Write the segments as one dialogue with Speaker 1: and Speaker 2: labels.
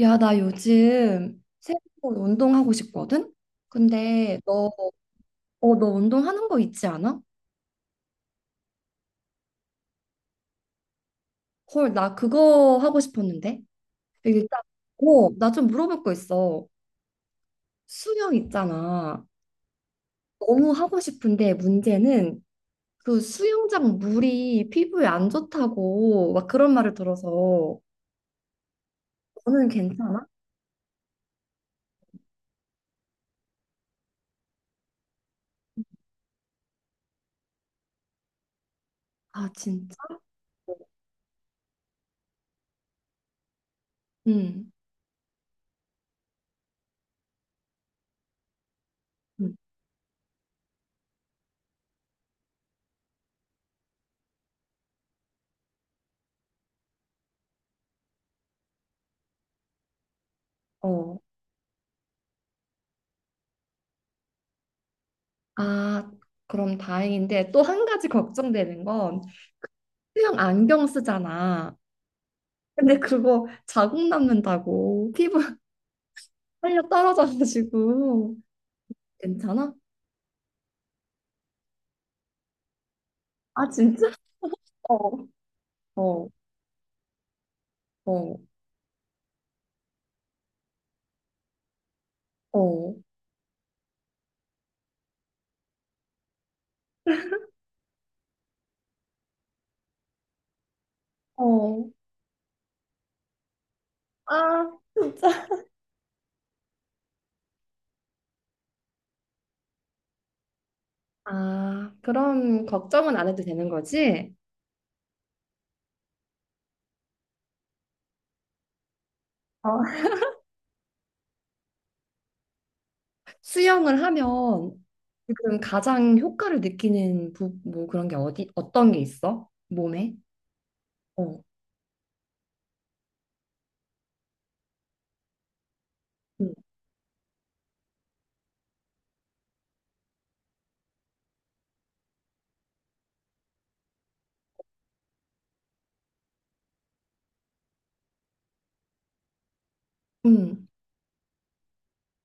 Speaker 1: 야, 나 요즘 새로 운동하고 싶거든? 근데 너, 어, 너 운동하는 거 있지 않아? 헐, 나 그거 하고 싶었는데. 일단, 어, 나 좀 물어볼 거 있어. 수영 있잖아. 너무 하고 싶은데 문제는 그 수영장 물이 피부에 안 좋다고 막 그런 말을 들어서 너는 괜찮아? 아, 진짜? 응. 응. 어. 아, 그럼 다행인데 또 한 가지 걱정되는 건 수영 안경 쓰잖아. 근데 그거 자국 남는다고 피부 활려 떨어져가지고 괜찮아? 아, 진짜? 어, 어, 어, 어, 어. 아, 진짜? 아, 그럼 걱정은 안 해도 되는 거지? 어, 수영을 하면 지금 가장 효과를 느끼는 부, 뭐 그런 게 어디 어떤 게 있어? 몸에? 어, 음, 음,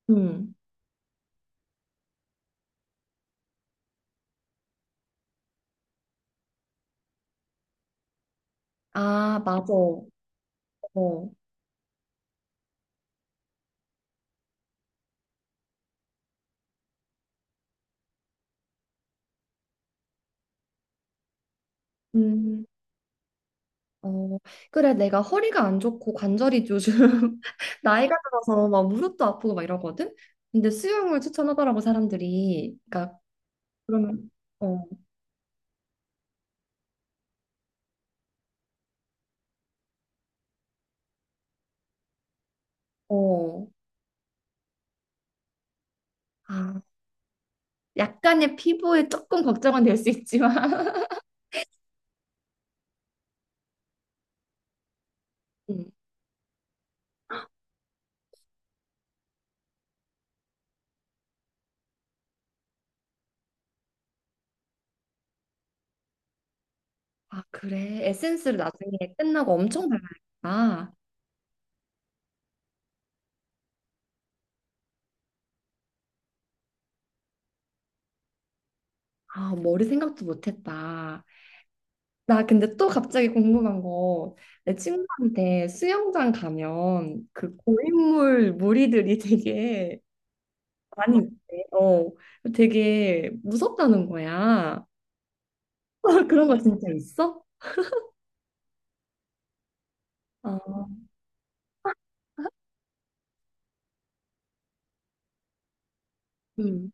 Speaker 1: 음. 아, 맞아. 어, 음. 어, 그래, 내가 허리가 안 좋고 관절이 요즘 나이가 들어서 막 무릎도 아프고 막 이러거든? 근데 수영을 추천하더라고, 사람들이. 그러니까, 그러면, 어, 어. 아, 약간의 피부에 조금 걱정은 될 수 있지만. 음. 아, 그래. 에센스를 나중에 끝나고 엄청 발라야겠다. 아, 머리 생각도 못했다. 나 근데 또 갑자기 궁금한 거. 내 친구한테 수영장 가면 그 고인물 무리들이 되게 많이 있대. 어, 되게 무섭다는 거야. 그런 거 진짜 있어? 아, 음,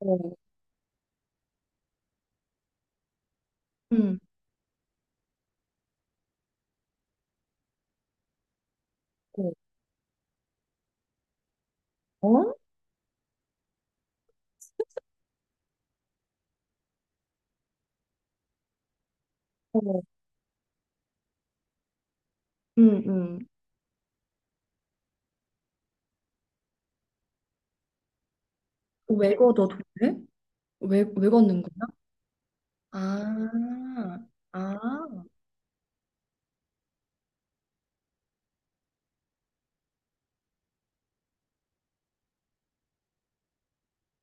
Speaker 1: 어, 음, 어, 어, 어, 음, 음. 왜 걷어 돈을? 왜, 왜 걷는 거야? 아, 아,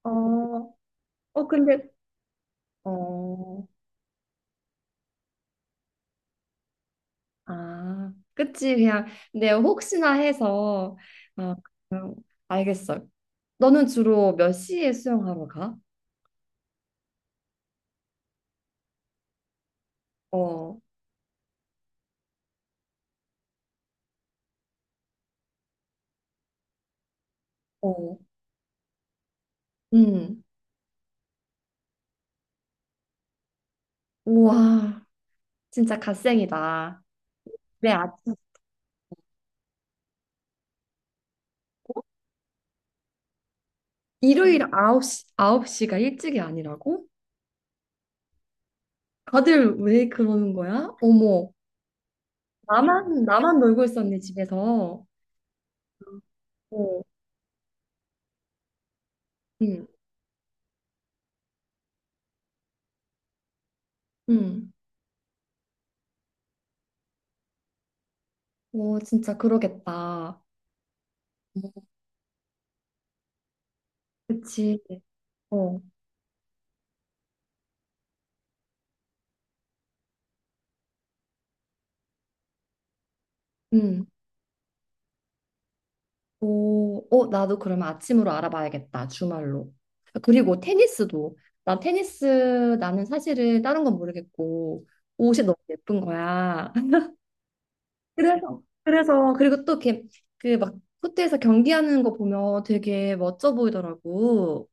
Speaker 1: 어, 어, 근데, 어, 아, 그치, 그냥, 근데 혹시나 해서, 어, 그냥 알겠어. 너는 주로 몇 시에 수영하러 가? 어, 어, 음, 우와. 진짜 갓생이다. 왜 아침 일요일 아홉 시 9시가 일찍이 아니라고? 다들 왜 그러는 거야? 어머, 나만 놀고 있었네, 집에서. 어, 응, 응. 어, 진짜 그러겠다. 어, 그치. 어, 응. 오, 어, 나도 그러면 아침으로 알아봐야겠다, 주말로. 그리고 테니스도. 나 테니스, 나는 사실은 다른 건 모르겠고, 옷이 너무 예쁜 거야. 그래서 그리고 또 이렇게 그 막 코트에서 경기하는 거 보면 되게 멋져 보이더라고.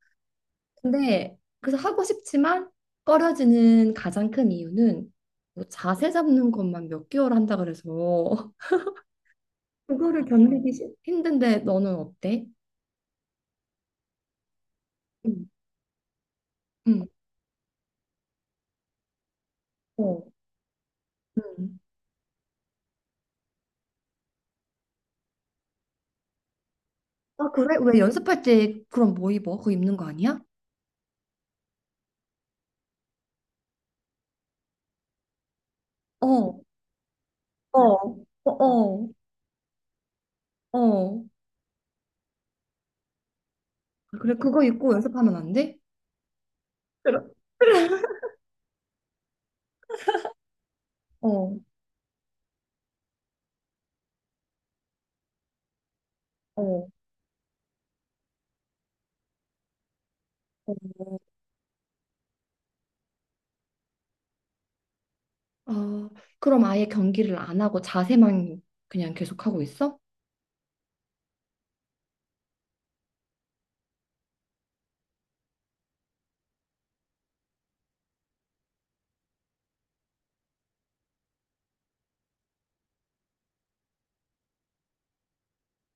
Speaker 1: 근데 그래서 하고 싶지만 꺼려지는 가장 큰 이유는 뭐 자세 잡는 것만 몇 개월 한다 그래서 그거를 견디기 싫- 힘든데 너는 어때? 응, 응, 어, 응. 아, 그래? 왜 연습할 때 그럼 뭐 입어? 그거 입는 거 아니야? 어, 어, 어, 어, 어. 그래, 그거 입고 연습하면 안 돼? 그럼. 어, 어. 아, 그럼 아예 경기를 안 하고 자세만 그냥 계속 하고 있어?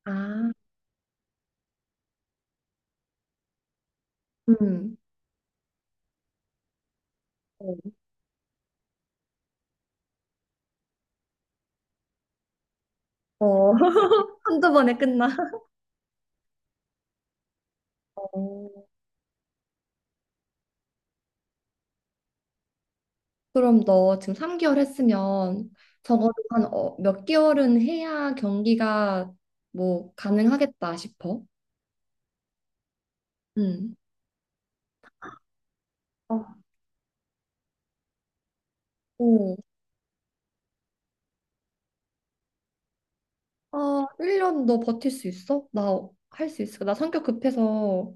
Speaker 1: 아, 음. 어, 어. 한두 번에 끝나. 어. 그럼 너 지금 3개월 했으면 적어도 한 몇 개월은 해야 경기가 뭐 가능하겠다 싶어. 음. 어, 오. 아, 1년 너 버틸 수 있어? 나 할 수 있어. 나 성격 급해서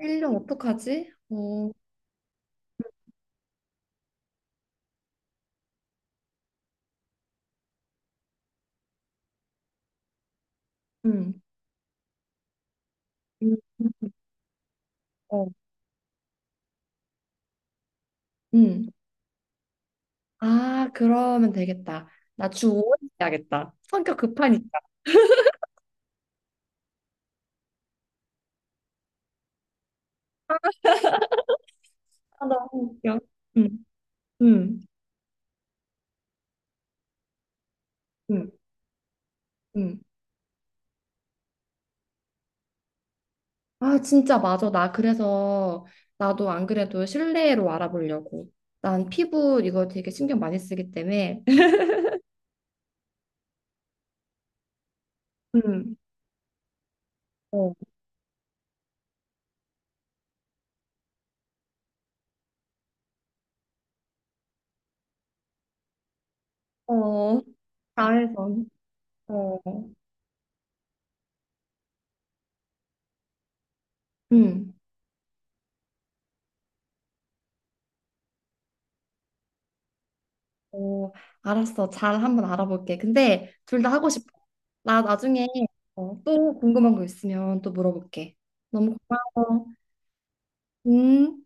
Speaker 1: 1년 어떡하지? 어. 음. 음, 어. 음. 아, 그러면 되겠다. 나 주 5일 해야겠다. 성격 급하니까. 아, 너무 웃겨. 응, 응, 응, 응. 아, 진짜 맞아. 나 그래서 나도 안 그래도 실내로 알아보려고. 난 피부 이거 되게 신경 많이 쓰기 때문에. 응, 어, 어, 자외선. 어, 응, 어, 알았어. 잘 한번 알아볼게. 근데 둘 다 하고 싶어. 나 나중에 어, 또 궁금한 거 있으면 또 물어볼게. 너무 고마워. 음.